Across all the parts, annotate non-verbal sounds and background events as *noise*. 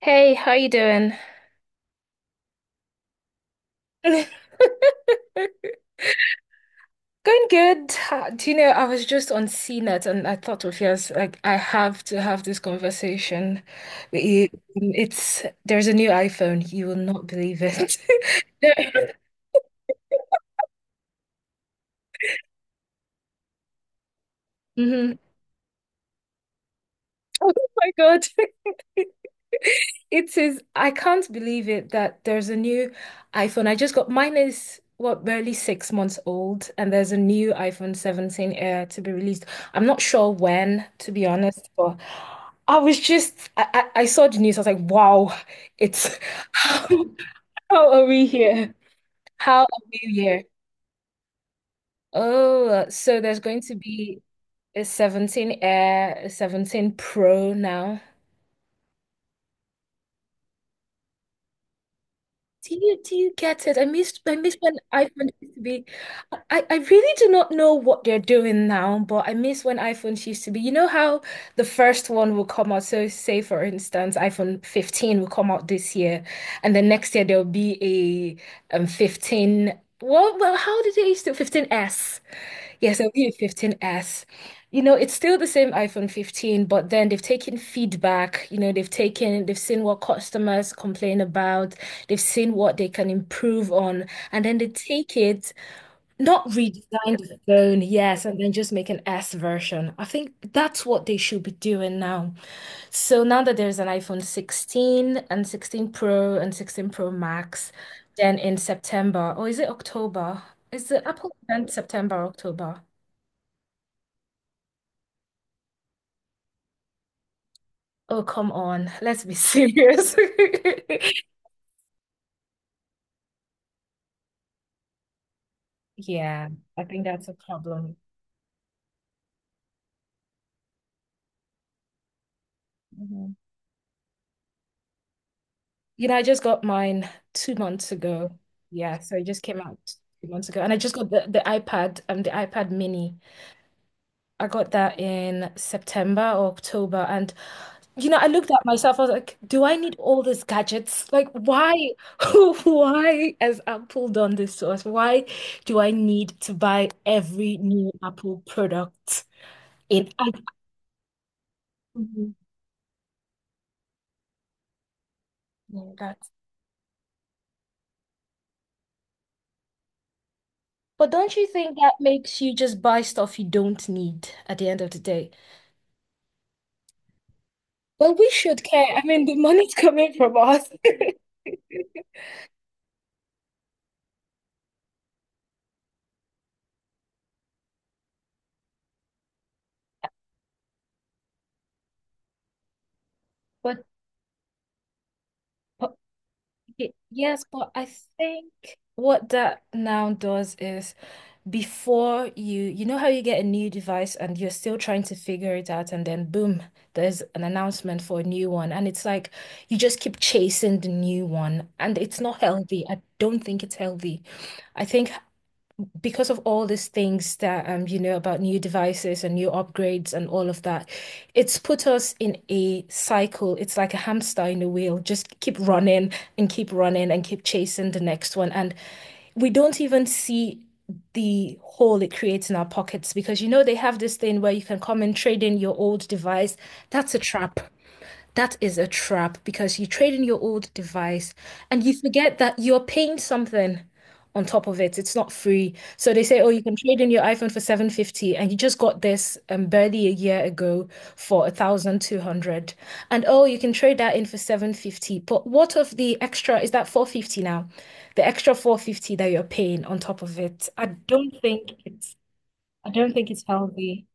Hey, how you doing? *laughs* Going good. Do you know, I was just on CNET and I thought of yes, like I have to have this conversation with you. It's there's a new iPhone. You will not believe it. *laughs* Mhm. Oh my God. It is, I can't believe it that there's a new iPhone. I just got mine is what barely 6 months old, and there's a new iPhone 17 Air to be released. I'm not sure when, to be honest, but I was just I saw the news, I was like, wow, it's *laughs* how, how are we here? How are we here? Oh, so there's going to be a 17 Air, a 17 Pro now. Do you get it? I miss when iPhones used to be. I really do not know what they're doing now, but I miss when iPhones used to be. You know how the first one will come out. So say for instance, iPhone 15 will come out this year, and the next year there'll be a 15. Well, how did they used to 15 S? Yes, it'll be a 15S. You know, it's still the same iPhone 15, but then they've taken feedback. You know, they've seen what customers complain about, they've seen what they can improve on, and then they take it, not redesign the phone, yes, and then just make an S version. I think that's what they should be doing now. So now that there's an iPhone 16 and 16 Pro and 16 Pro Max, then in September, or is it October? Is the Apple event September, October? Oh, come on. Let's be serious. *laughs* Yeah, I think that's a problem. Mhm. You know, I just got mine 2 months ago. Yeah, so it just came out 2 months ago. And I just got the iPad, the iPad mini. I got that in September or October. And, you know, I looked at myself, I was like, do I need all these gadgets? Like, why, *laughs* why has Apple done this to us? Why do I need to buy every new Apple product? In, I, Yeah, that's. But don't you think that makes you just buy stuff you don't need at the end of the day? Well, we should care. I mean, the money's coming from us. *laughs* But, but yes, but I think what that now does is before you, you know how you get a new device and you're still trying to figure it out, and then boom, there's an announcement for a new one. And it's like you just keep chasing the new one, and it's not healthy. I don't think it's healthy. I think because of all these things that you know about new devices and new upgrades and all of that, it's put us in a cycle. It's like a hamster in a wheel, just keep running and keep running and keep chasing the next one. And we don't even see the hole it creates in our pockets because you know they have this thing where you can come and trade in your old device. That's a trap. That is a trap because you trade in your old device and you forget that you're paying something on top of it. It's not free. So they say, oh, you can trade in your iPhone for 750 and you just got this barely a year ago for 1,200. And oh, you can trade that in for 750. But what of the extra? Is that 450 now? The extra 450 that you're paying on top of it. I don't think it's healthy.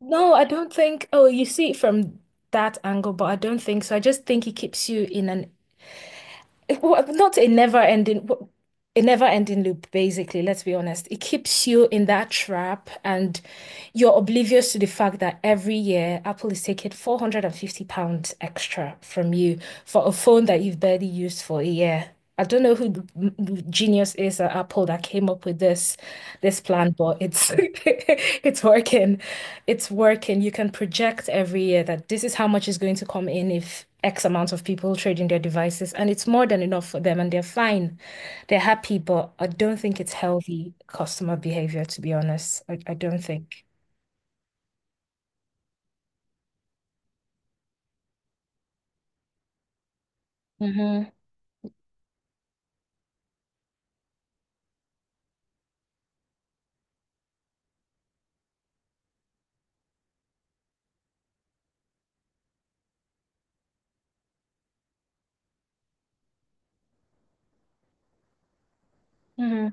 No, I don't think. Oh, you see it from that angle, but I don't think so. I just think it keeps you in an *laughs* well, not a never-ending, a never-ending loop, basically. Let's be honest. It keeps you in that trap, and you're oblivious to the fact that every year Apple is taking £450 extra from you for a phone that you've barely used for a year. I don't know who the genius is at Apple that came up with this plan, but it's *laughs* it's working. It's working. You can project every year that this is how much is going to come in if X amount of people trade in their devices, and it's more than enough for them, and they're fine. They're happy, but I don't think it's healthy customer behavior, to be honest. I don't think. hmm hmm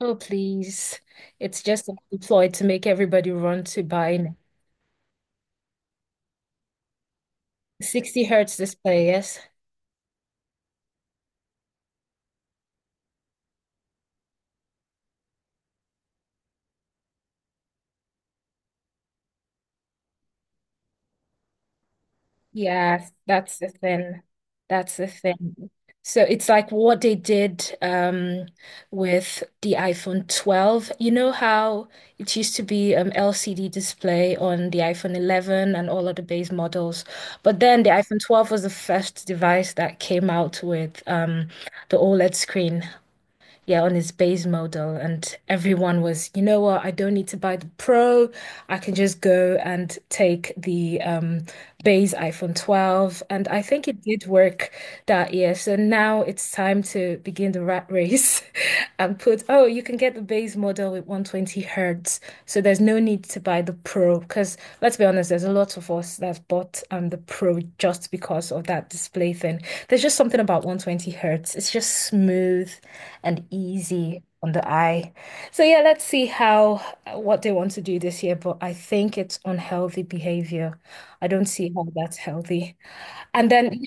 Oh, please. It's just a ploy to make everybody run to buy 60 hertz display. Yes. Yes, that's the thing. That's the thing. So it's like what they did, with the iPhone 12. You know how it used to be, LCD display on the iPhone 11 and all of the base models, but then the iPhone 12 was the first device that came out with, the OLED screen, yeah, on his base model, and everyone was, you know what, I don't need to buy the Pro. I can just go and take the base iPhone 12. And I think it did work that year. So now it's time to begin the rat race *laughs* and put, oh, you can get the base model with 120 hertz, so there's no need to buy the Pro because let's be honest, there's a lot of us that bought the Pro just because of that display thing. There's just something about 120 hertz. It's just smooth and easy on the eye. So yeah, let's see how what they want to do this year, but I think it's unhealthy behavior. I don't see how that's healthy. And then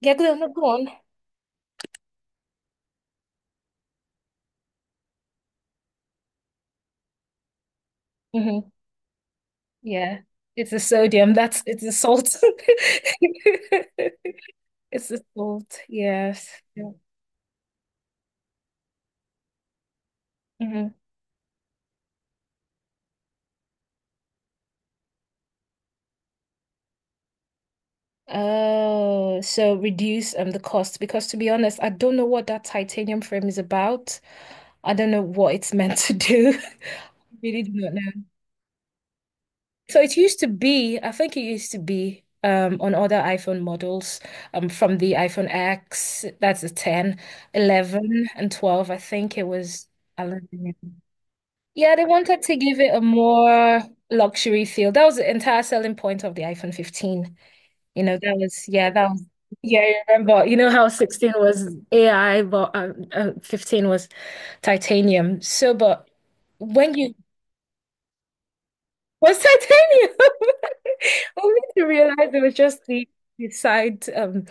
yeah, go on, go on. Hmm. Yeah. It's the sodium, that's it's the salt. *laughs* It's the salt, yes. Yeah. hmm Oh, so reduce the cost because to be honest, I don't know what that titanium frame is about. I don't know what it's *laughs* meant to do. *laughs* Really do not know. So it used to be, I think it used to be on other iPhone models from the iPhone X, that's a 10, 11, and 12, I think it was aluminum. Yeah, they wanted to give it a more luxury feel. That was the entire selling point of the iPhone 15. You know, yeah, I remember. You know how 16 was AI, but 15 was titanium. So, but when you, was titanium? *laughs* Only to realize it was just the side,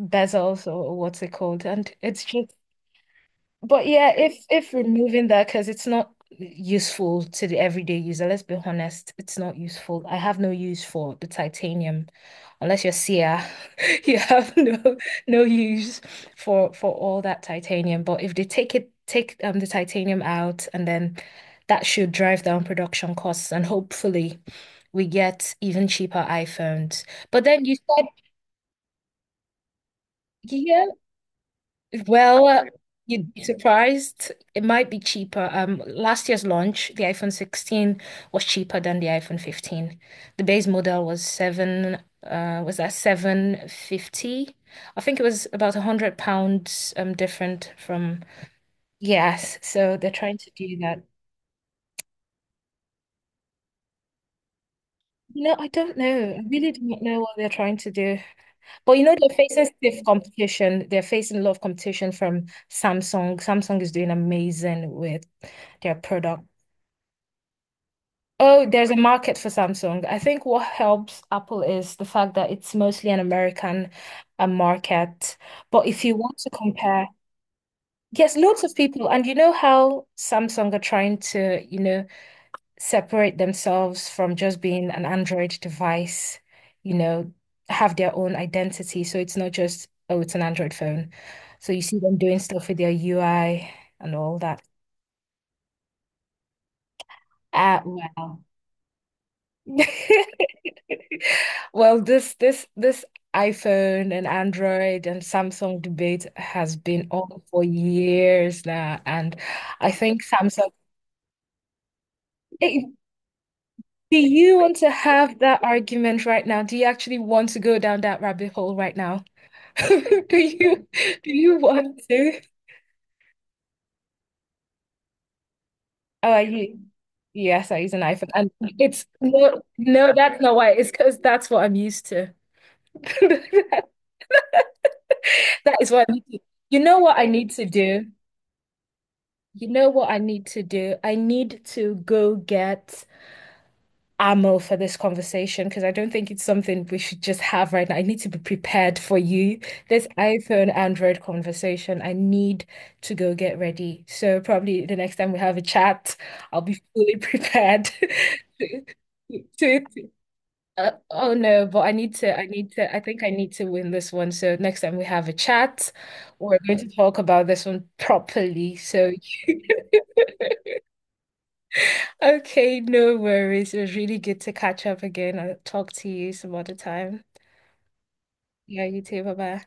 bezels or what's it called. And it's just, but yeah, if removing that, because it's not useful to the everyday user, let's be honest, it's not useful. I have no use for the titanium, unless you're Sia, *laughs* you have no use for all that titanium. But if they take the titanium out, and then that should drive down production costs, and hopefully we get even cheaper iPhones. But then you said, yeah, well, you'd be surprised. It might be cheaper. Last year's launch, the iPhone 16 was cheaper than the iPhone 15. The base model was that 750? I think it was about £100 different from yes. So they're trying to do that. You know, I don't know. I really do not know what they're trying to do. But you know, they're facing stiff competition. They're facing a lot of competition from Samsung. Samsung is doing amazing with their product. Oh, there's a market for Samsung. I think what helps Apple is the fact that it's mostly an American market. But if you want to compare, yes, lots of people, and you know how Samsung are trying to, separate themselves from just being an Android device, you know, have their own identity. So it's not just, oh, it's an Android phone. So you see them doing stuff with their UI and all that. Ah, well. *laughs* Well, this iPhone and Android and Samsung debate has been on for years now, and I think Samsung. Eh, do you want to have that argument right now? Do you actually want to go down that rabbit hole right now? *laughs* Do you do you want to? Oh, yes, I use an iPhone, and it's no, no, that's not why. It's because that's what I'm used to. *laughs* That is what I need to. You know what I need to do? You know what I need to do? I need to go get ammo for this conversation because I don't think it's something we should just have right now. I need to be prepared for you. This iPhone Android conversation, I need to go get ready. So probably the next time we have a chat, I'll be fully prepared. *laughs* to, to- oh no, but I think I need to win this one. So next time we have a chat, we're going to talk about this one properly. So *laughs* Okay, no worries. It was really good to catch up again. I'll talk to you some other time. Yeah, you too. Bye bye.